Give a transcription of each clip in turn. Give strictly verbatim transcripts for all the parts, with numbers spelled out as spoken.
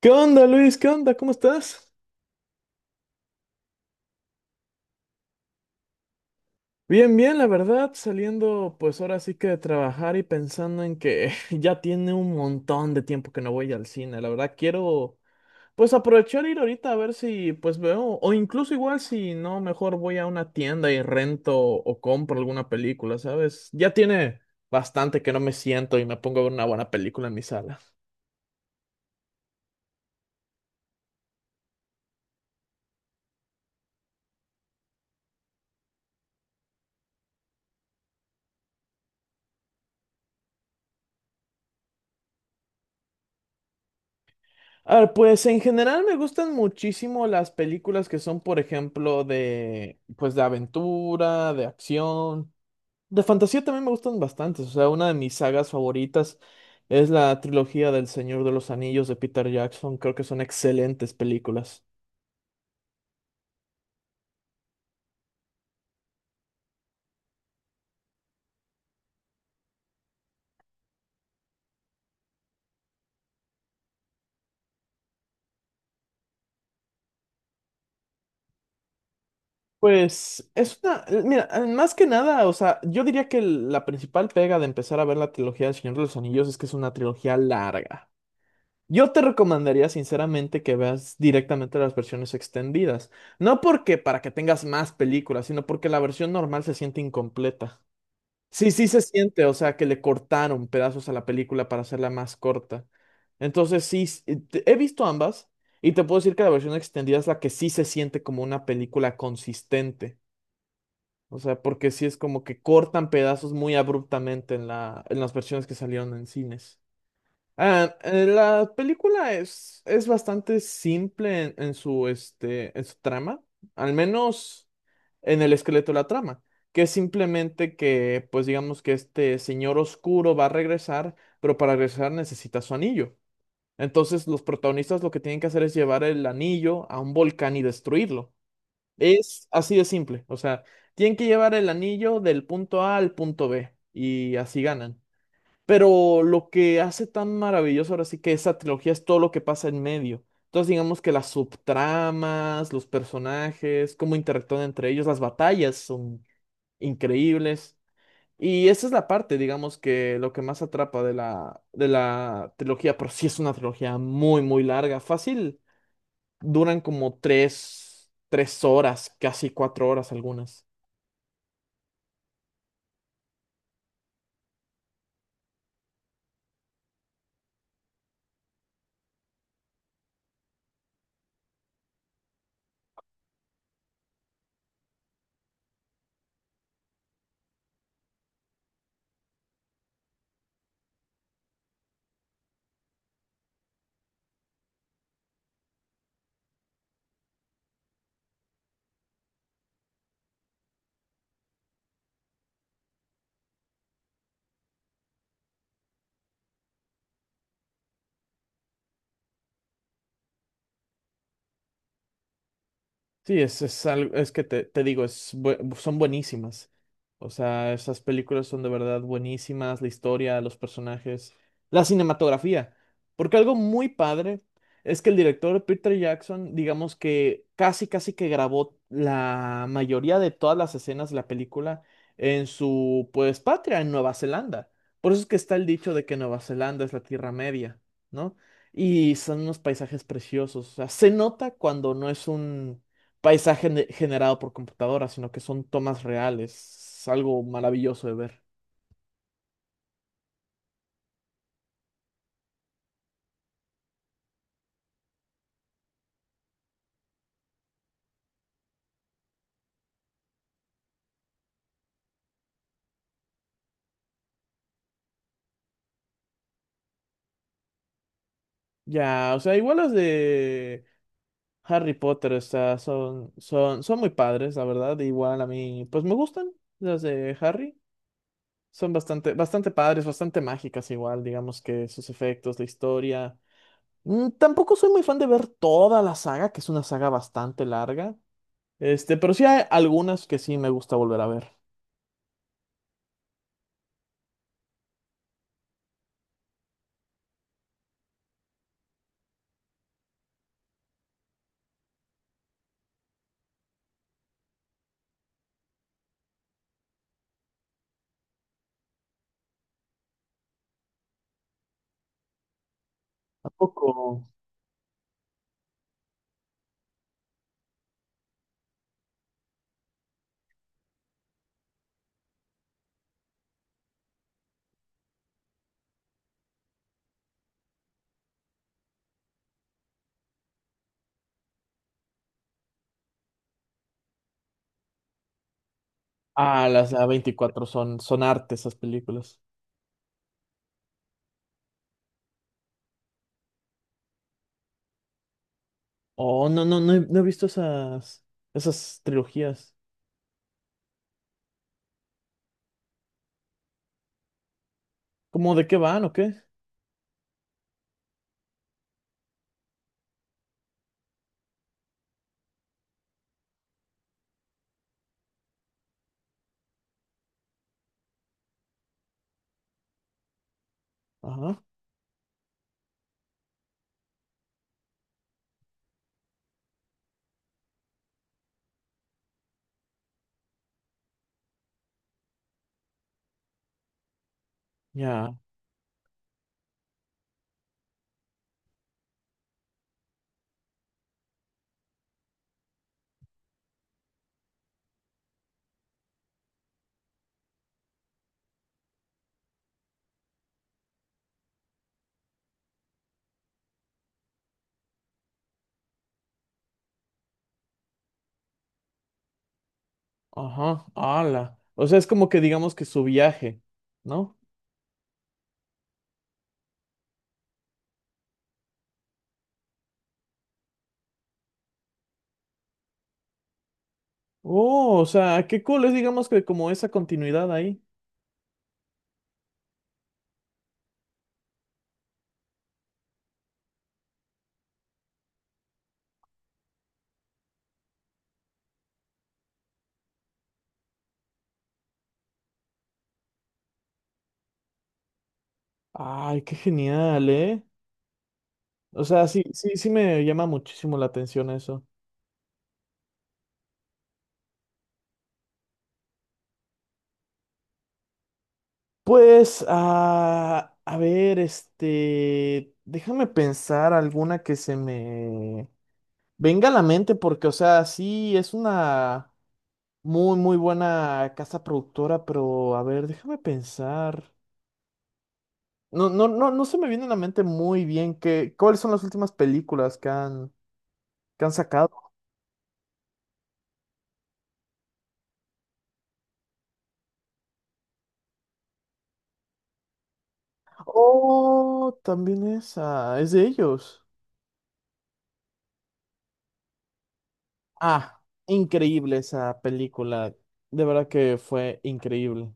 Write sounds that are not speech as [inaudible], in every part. ¿Qué onda, Luis? ¿Qué onda? ¿Cómo estás? Bien, bien, la verdad, saliendo pues ahora sí que de trabajar y pensando en que [laughs] ya tiene un montón de tiempo que no voy al cine. La verdad, quiero pues aprovechar e ir ahorita a ver si pues veo, o incluso igual si no, mejor voy a una tienda y rento o compro alguna película, ¿sabes? Ya tiene bastante que no me siento y me pongo a ver una buena película en mi sala. A ver, pues en general me gustan muchísimo las películas que son, por ejemplo, de, pues de aventura, de acción, de fantasía también me gustan bastantes. O sea, una de mis sagas favoritas es la trilogía del Señor de los Anillos de Peter Jackson. Creo que son excelentes películas. Pues es una, eh, mira, eh, más que nada, o sea, yo diría que la principal pega de empezar a ver la trilogía del Señor de los Anillos es que es una trilogía larga. Yo te recomendaría sinceramente que veas directamente las versiones extendidas. No porque para que tengas más películas, sino porque la versión normal se siente incompleta. Sí, sí se siente, o sea, que le cortaron pedazos a la película para hacerla más corta. Entonces, sí, s- eh, te- he visto ambas y te puedo decir que la versión extendida es la que sí se siente como una película consistente. O sea, porque sí es como que cortan pedazos muy abruptamente en la, en las versiones que salieron en cines. Ah, eh, la película es, es bastante simple en, en su, este, en su trama, al menos en el esqueleto de la trama, que es simplemente que, pues digamos que este señor oscuro va a regresar, pero para regresar necesita su anillo. Entonces los protagonistas lo que tienen que hacer es llevar el anillo a un volcán y destruirlo. Es así de simple, o sea, tienen que llevar el anillo del punto A al punto B y así ganan. Pero lo que hace tan maravilloso ahora sí que esa trilogía es todo lo que pasa en medio. Entonces digamos que las subtramas, los personajes, cómo interactúan entre ellos, las batallas son increíbles. Y esa es la parte, digamos, que lo que más atrapa de la, de la trilogía, pero sí es una trilogía muy, muy larga, fácil. Duran como tres, tres horas, casi cuatro horas algunas. Sí, es, es algo, es que te, te digo, es, bu- son buenísimas. O sea, esas películas son de verdad buenísimas, la historia, los personajes, la cinematografía. Porque algo muy padre es que el director Peter Jackson, digamos que casi, casi que grabó la mayoría de todas las escenas de la película en su, pues, patria, en Nueva Zelanda. Por eso es que está el dicho de que Nueva Zelanda es la Tierra Media, ¿no? Y son unos paisajes preciosos. O sea, se nota cuando no es un paisaje ne- generado por computadora, sino que son tomas reales. Es algo maravilloso de ver. Ya, o sea, igual las de Harry Potter, o sea, son, son, son muy padres, la verdad. Igual a mí, pues me gustan las de Harry. Son bastante, bastante padres, bastante mágicas igual, digamos que sus efectos, la historia. Mm, Tampoco soy muy fan de ver toda la saga, que es una saga bastante larga. Este, pero sí hay algunas que sí me gusta volver a ver. Tampoco. Ah, las a veinticuatro son, son arte esas películas. Oh, no, no, no he, no he visto esas, esas trilogías. ¿Cómo de qué van o qué? Ajá, ya, ajá, ala. O sea, es como que digamos que su viaje, ¿no? Oh, o sea, qué cool es, digamos que como esa continuidad ahí. Ay, qué genial, ¿eh? O sea, sí, sí, sí me llama muchísimo la atención eso. Pues, ah, a ver, este, déjame pensar alguna que se me... Venga a la mente porque, o sea, sí, es una muy, muy buena casa productora, pero a ver, déjame pensar. No, no, no, no se me viene a la mente muy bien que, cuáles son las últimas películas que han, que han sacado. Oh, también esa, es de ellos. Ah, increíble esa película. De verdad que fue increíble.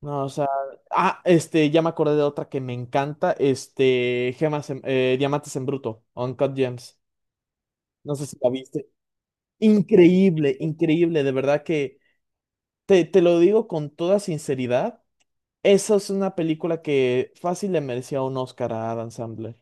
No, o sea, ah, este, ya me acordé de otra que me encanta, este, Gemas en- eh, Diamantes en Bruto, Uncut Gems. No sé si la viste. Increíble, increíble, de verdad que te, te lo digo con toda sinceridad. Esa es una película que fácil le merecía un Oscar a Adam Sandler.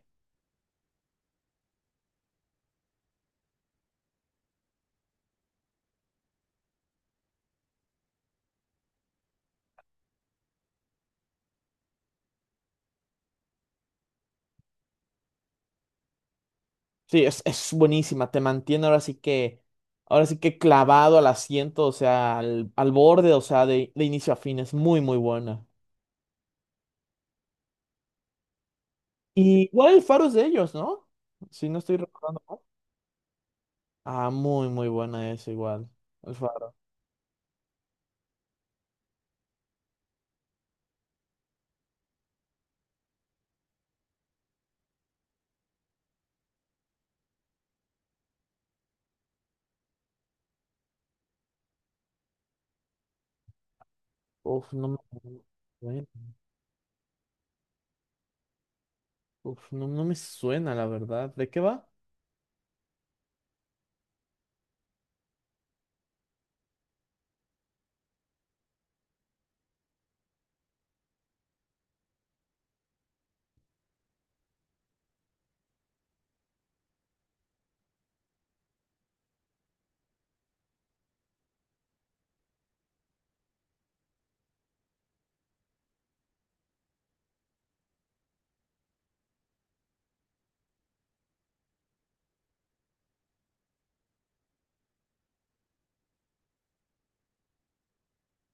Sí, es, es buenísima, te mantiene ahora sí que, ahora sí que clavado al asiento, o sea, al, al borde, o sea, de, de inicio a fin, es muy, muy buena. Y igual El Faro es de ellos, ¿no? Si no estoy recordando mal. Ah, muy, muy buena esa igual. El Faro. Uf, no me... acuerdo. Uf, no, no me suena, la verdad. ¿De qué va?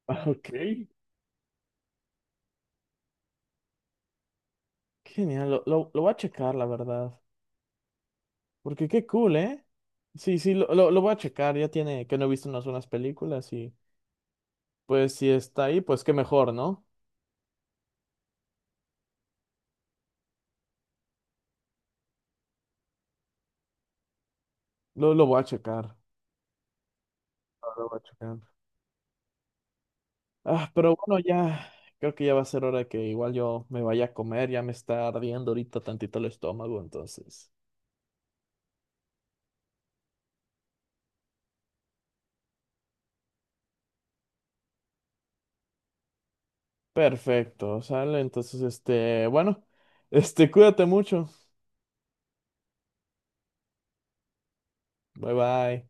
Ah, ok. Qué genial, lo, lo, lo voy a checar, la verdad. Porque qué cool, ¿eh? Sí, sí, lo, lo, lo voy a checar. Ya tiene que no he visto unas unas películas y pues si está ahí, pues qué mejor, ¿no? Lo, lo voy a checar. Lo, lo voy a checar. Ah, pero bueno, ya creo que ya va a ser hora de que igual yo me vaya a comer. Ya me está ardiendo ahorita tantito el estómago, entonces. Perfecto, sale. Entonces, este, bueno, este, cuídate mucho. Bye bye.